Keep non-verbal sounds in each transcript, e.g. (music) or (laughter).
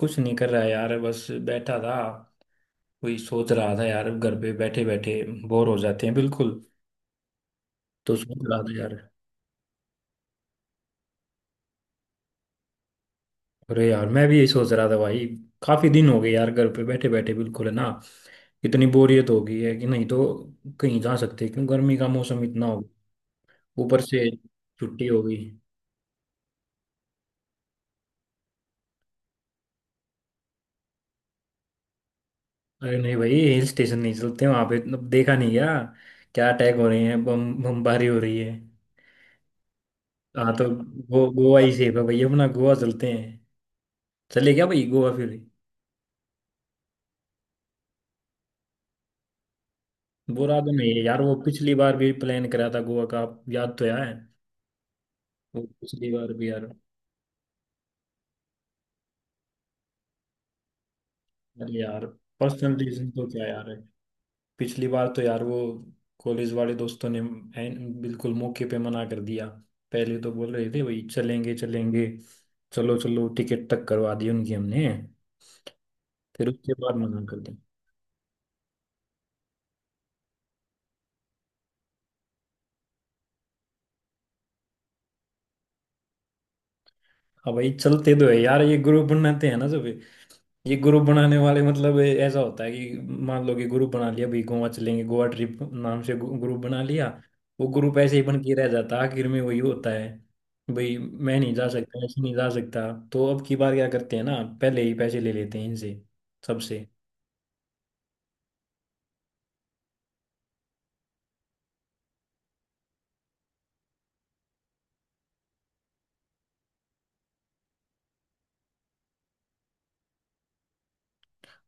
कुछ नहीं कर रहा है यार, बस बैठा था। वही सोच रहा था यार, घर पे बैठे बैठे बोर हो जाते हैं बिल्कुल। तो सोच रहा था यार। अरे यार, मैं भी यही सोच रहा था भाई। काफी दिन हो गए यार, घर पे बैठे बैठे, बिल्कुल है ना। इतनी बोरियत हो गई है कि नहीं तो कहीं जा सकते, क्यों गर्मी का मौसम इतना हो गया। ऊपर से छुट्टी हो गई। अरे नहीं भाई, हिल स्टेशन नहीं चलते, वहां पे अब देखा नहीं गया, क्या अटैक हो रहे हैं, बम बमबारी हो रही है। हाँ, तो गो गोवा ही सेफ है भाई, अपना गोवा चलते हैं। चले क्या भाई गोवा फिर। बुरा तो नहीं है यार, वो पिछली बार भी प्लान करा था गोवा का, आप याद तो है। वो पिछली बार भी यार। अरे यार। पर्सनल रीजन तो क्या यार है, पिछली बार तो यार वो कॉलेज वाले दोस्तों ने बिल्कुल मौके पे मना कर दिया। पहले तो बोल रहे थे भाई चलेंगे चलेंगे, चलो चलो, टिकट तक करवा दी उनकी हमने, फिर उसके बाद मना कर दिया। अब भाई चलते तो है यार, ये ग्रुप बनाते हैं ना सब। ये ग्रुप बनाने वाले मतलब ऐसा होता है कि मान लो कि ग्रुप बना लिया भाई, गोवा चलेंगे, गोवा ट्रिप नाम से ग्रुप बना लिया, वो ग्रुप ऐसे ही बन के रह जाता है। आखिर में वही होता है, भाई मैं नहीं जा सकता, ऐसे नहीं जा सकता। तो अब की बार क्या करते हैं ना, पहले ही पैसे ले लेते हैं इनसे, सबसे।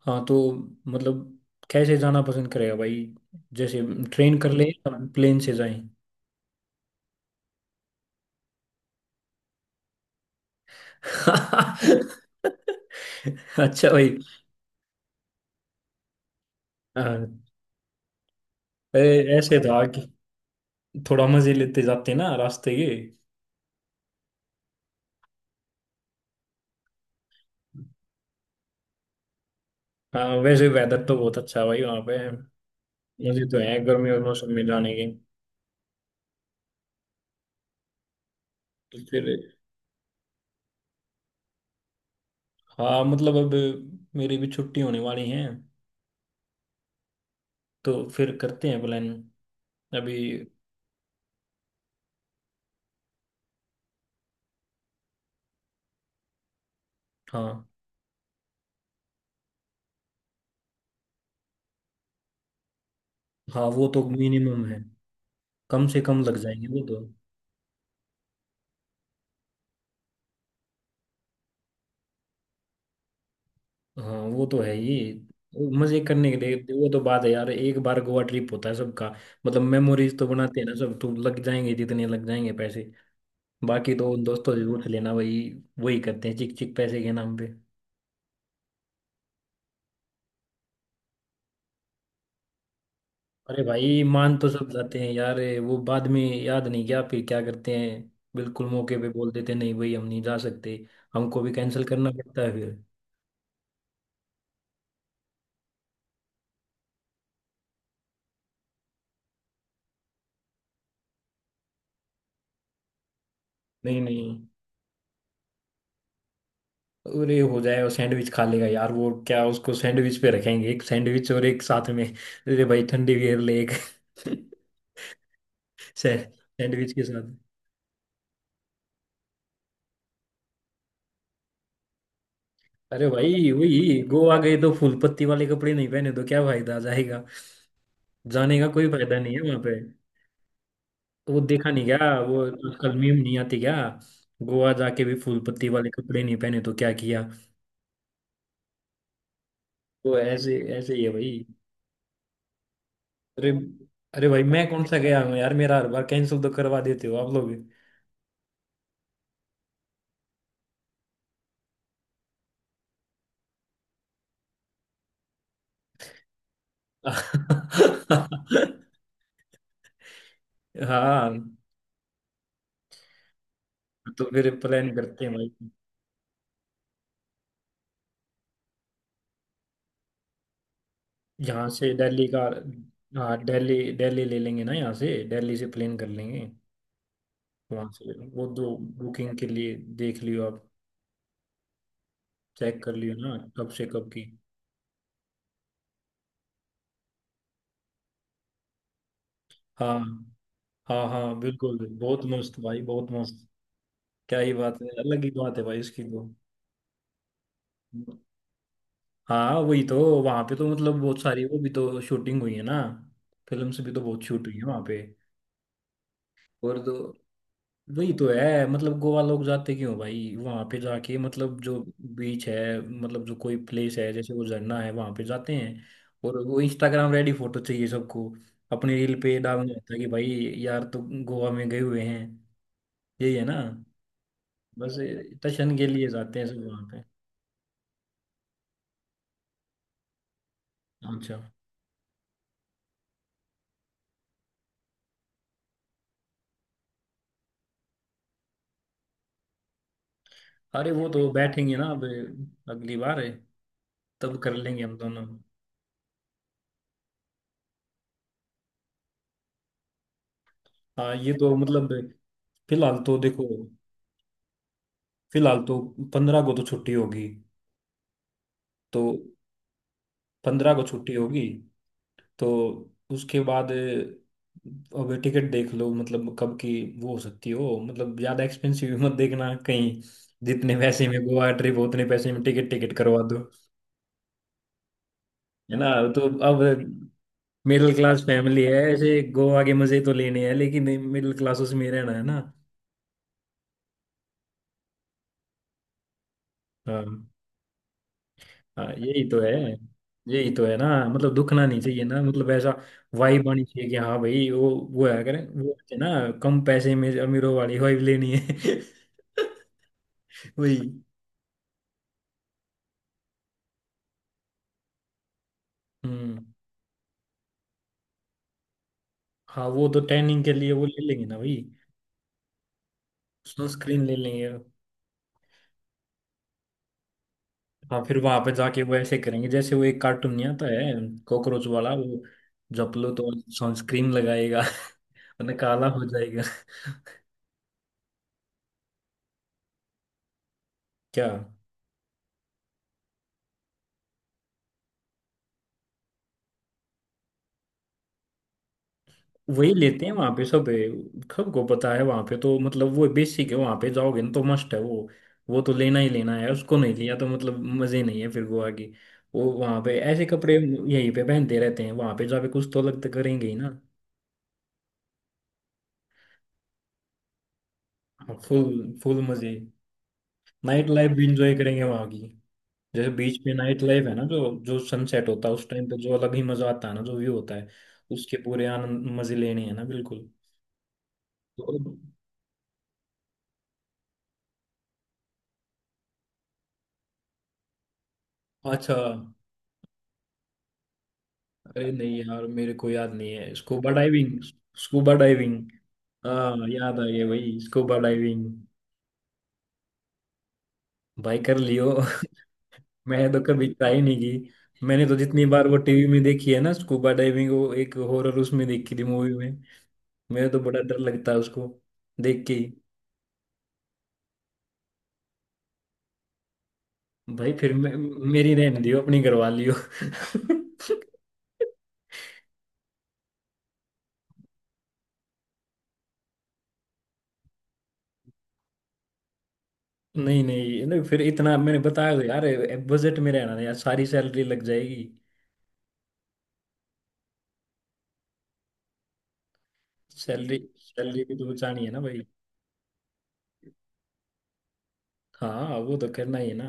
हाँ तो मतलब, कैसे जाना पसंद करेगा भाई, जैसे ट्रेन कर ले या प्लेन से जाएं। (laughs) अच्छा भाई। हाँ, ऐसे था कि थोड़ा मजे लेते जाते हैं ना रास्ते के। हाँ वैसे वेदर तो बहुत अच्छा है भाई वहाँ पे। मुझे तो है गर्मी और मौसम में जाने के। तो फिर। हाँ मतलब अब मेरी भी छुट्टी होने वाली है, तो फिर करते हैं प्लान अभी। हाँ। हाँ वो तो मिनिमम है, कम से कम लग जाएंगे वो तो। हाँ वो तो है ही। मजे करने के लिए वो तो बात है यार, एक बार गोवा ट्रिप होता है सबका, मतलब मेमोरीज तो बनाते हैं ना सब, तो लग जाएंगे जितने लग जाएंगे पैसे। बाकी तो दोस्तों जरूर से लेना भाई, वही करते हैं चिक चिक पैसे के नाम पे। अरे भाई मान तो सब जाते हैं यार, ये वो बाद में याद नहीं क्या फिर क्या करते हैं, बिल्कुल मौके पे बोल देते नहीं भाई हम नहीं जा सकते, हमको भी कैंसिल करना पड़ता है फिर। नहीं नहीं। अरे हो जाए, वो सैंडविच खा लेगा यार वो, क्या उसको सैंडविच पे रखेंगे, एक सैंडविच और एक साथ में, अरे भाई ठंडी बियर ले एक। (laughs) सै- सैंडविच के साथ। अरे भाई, वही गोवा गए तो फूल पत्ती वाले कपड़े नहीं पहने तो क्या फायदा जाएगा, जाने का कोई फायदा नहीं है वहां पे। तो वो देखा नहीं गया, वो आजकल मीम नहीं आती क्या, गोवा जाके भी फूल पत्ती वाले कपड़े नहीं पहने तो क्या किया। वो ऐसे ऐसे ही है भाई। अरे। अरे भाई मैं कौन सा गया हूँ यार, मेरा हर बार कैंसिल तो करवा देते हो आप लोग। (laughs) हाँ तो फिर प्लान करते हैं भाई। यहाँ से दिल्ली का, हाँ दिल्ली दिल्ली ले लेंगे ना, यहाँ से दिल्ली से प्लेन कर लेंगे। वहाँ से वो दो, बुकिंग के लिए देख लियो आप, चेक कर लियो ना कब से कब की। हाँ हाँ, हाँ बिल्कुल बहुत मस्त भाई, बहुत मस्त। क्या ही बात है, अलग ही बात है भाई इसकी तो। हाँ वही तो, वहां पे तो मतलब बहुत सारी वो भी तो शूटिंग हुई है ना, फिल्म से भी तो बहुत शूट हुई है वहां पे। और तो वही तो है मतलब, गोवा लोग जाते क्यों भाई, वहां पे जाके मतलब जो बीच है, मतलब जो कोई प्लेस है, जैसे वो झरना है वहां पे जाते हैं। और वो इंस्टाग्राम रेडी फोटो चाहिए सबको, अपनी रील पे डालना होता है कि भाई यार तो गोवा में गए हुए हैं, यही है ना। बस दर्शन के लिए जाते हैं सब वहाँ पे। अच्छा। अरे वो तो बैठेंगे ना अब, अगली बार है, तब कर लेंगे हम दोनों। हाँ ये तो मतलब। फिलहाल तो देखो, फिलहाल तो 15 को तो छुट्टी होगी, तो 15 को छुट्टी होगी, तो उसके बाद अब टिकट देख लो, मतलब कब की वो हो सकती हो, मतलब ज़्यादा एक्सपेंसिव मत देखना कहीं, जितने पैसे में गोवा ट्रिप उतने पैसे में टिकट टिकट करवा दो, है ना। तो अब मिडिल क्लास फैमिली है, ऐसे गोवा के मजे तो लेने हैं लेकिन मिडिल क्लासों से में रहना है ना। हाँ। हाँ, यही तो है, यही तो है ना मतलब, दुखना नहीं चाहिए ना मतलब, ऐसा वाइब आनी चाहिए कि हाँ भाई, वो है करें वो, है ना। कम पैसे में अमीरों वाली वाइब लेनी है। (laughs) वही। हम्म। हाँ वो तो टैनिंग के लिए वो ले लेंगे ना भाई, सनस्क्रीन ले लेंगे। हाँ फिर वहां पे जाके वो ऐसे करेंगे जैसे वो एक कार्टून नहीं आता है, कॉकरोच वाला वो, झपलो तो सनस्क्रीन लगाएगा (laughs) वरना काला हो जाएगा। क्या? वही लेते हैं वहां पे सब, सबको पता है वहां पे तो, मतलब वो बेसिक है, वहां पे जाओगे ना तो मस्ट है वो तो लेना ही लेना है, उसको नहीं लिया तो मतलब मजे नहीं है फिर गोवा की। वो वहां पे ऐसे कपड़े यहीं पे पहनते रहते हैं, वहां पे जाके कुछ तो अलग तो करेंगे ही ना। फुल फुल मजे। नाइट लाइफ भी इंजॉय करेंगे वहां की, जैसे बीच पे नाइट लाइफ है ना, जो जो सनसेट होता है उस टाइम पे, जो अलग ही मजा आता है ना, जो व्यू होता है, उसके पूरे आनंद मजे लेने हैं ना बिल्कुल। तो अच्छा। अरे नहीं यार, मेरे को याद नहीं है, स्कूबा डाइविंग, स्कूबा डाइविंग। हाँ याद आ गया भाई, स्कूबा डाइविंग। भाई कर लियो। (laughs) मैं तो कभी ट्राई नहीं की, मैंने तो जितनी बार वो टीवी में देखी है ना स्कूबा डाइविंग, वो एक हॉरर उसमें देखी थी मूवी में, मेरे तो बड़ा डर लगता है उसको देख के। भाई फिर मेरी रहने दियो, अपनी करवा लियो। (laughs) नहीं नहीं नहीं, फिर इतना मैंने बताया तो यार, बजट में रहना है यार, सारी सैलरी लग जाएगी। सैलरी सैलरी भी तो बचानी है ना भाई। हाँ वो तो करना ही है ना।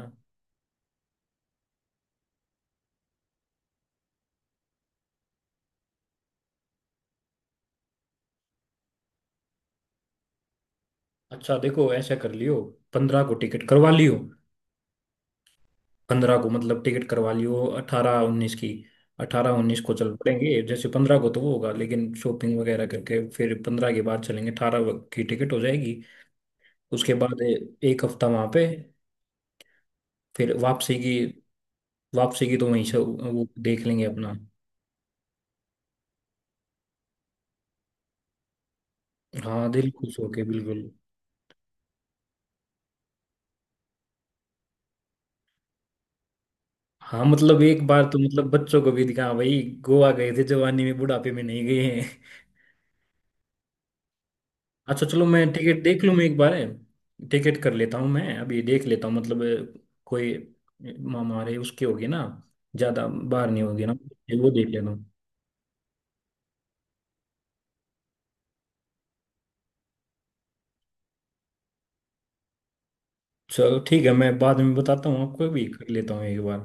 अच्छा देखो ऐसा कर लियो, 15 को टिकट करवा लियो। 15 को मतलब टिकट करवा लियो 18 19 की, 18 19 को चल पड़ेंगे। जैसे 15 को तो वो होगा लेकिन शॉपिंग वगैरह करके फिर 15 के बाद चलेंगे, 18 की टिकट हो जाएगी। उसके बाद एक हफ्ता वहां पे, फिर वापसी की, वापसी की तो वहीं से वो देख लेंगे अपना। हाँ दिल खुश होके बिल्कुल। हाँ मतलब एक बार तो मतलब बच्चों को भी दिखा भाई, गोवा गए थे जवानी में, बुढ़ापे में नहीं गए हैं। अच्छा चलो, मैं टिकट देख लूँ मैं एक बार, टिकट कर लेता हूँ मैं, अभी देख लेता हूँ मतलब, कोई हमारे उसके होगी ना, ज़्यादा बाहर नहीं होगी ना, वो देख लेता हूँ। चलो ठीक है, मैं बाद में बताता हूँ, आपको भी कर लेता हूँ एक बार।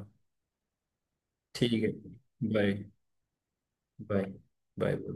ठीक है, बाय। बाय। बाय।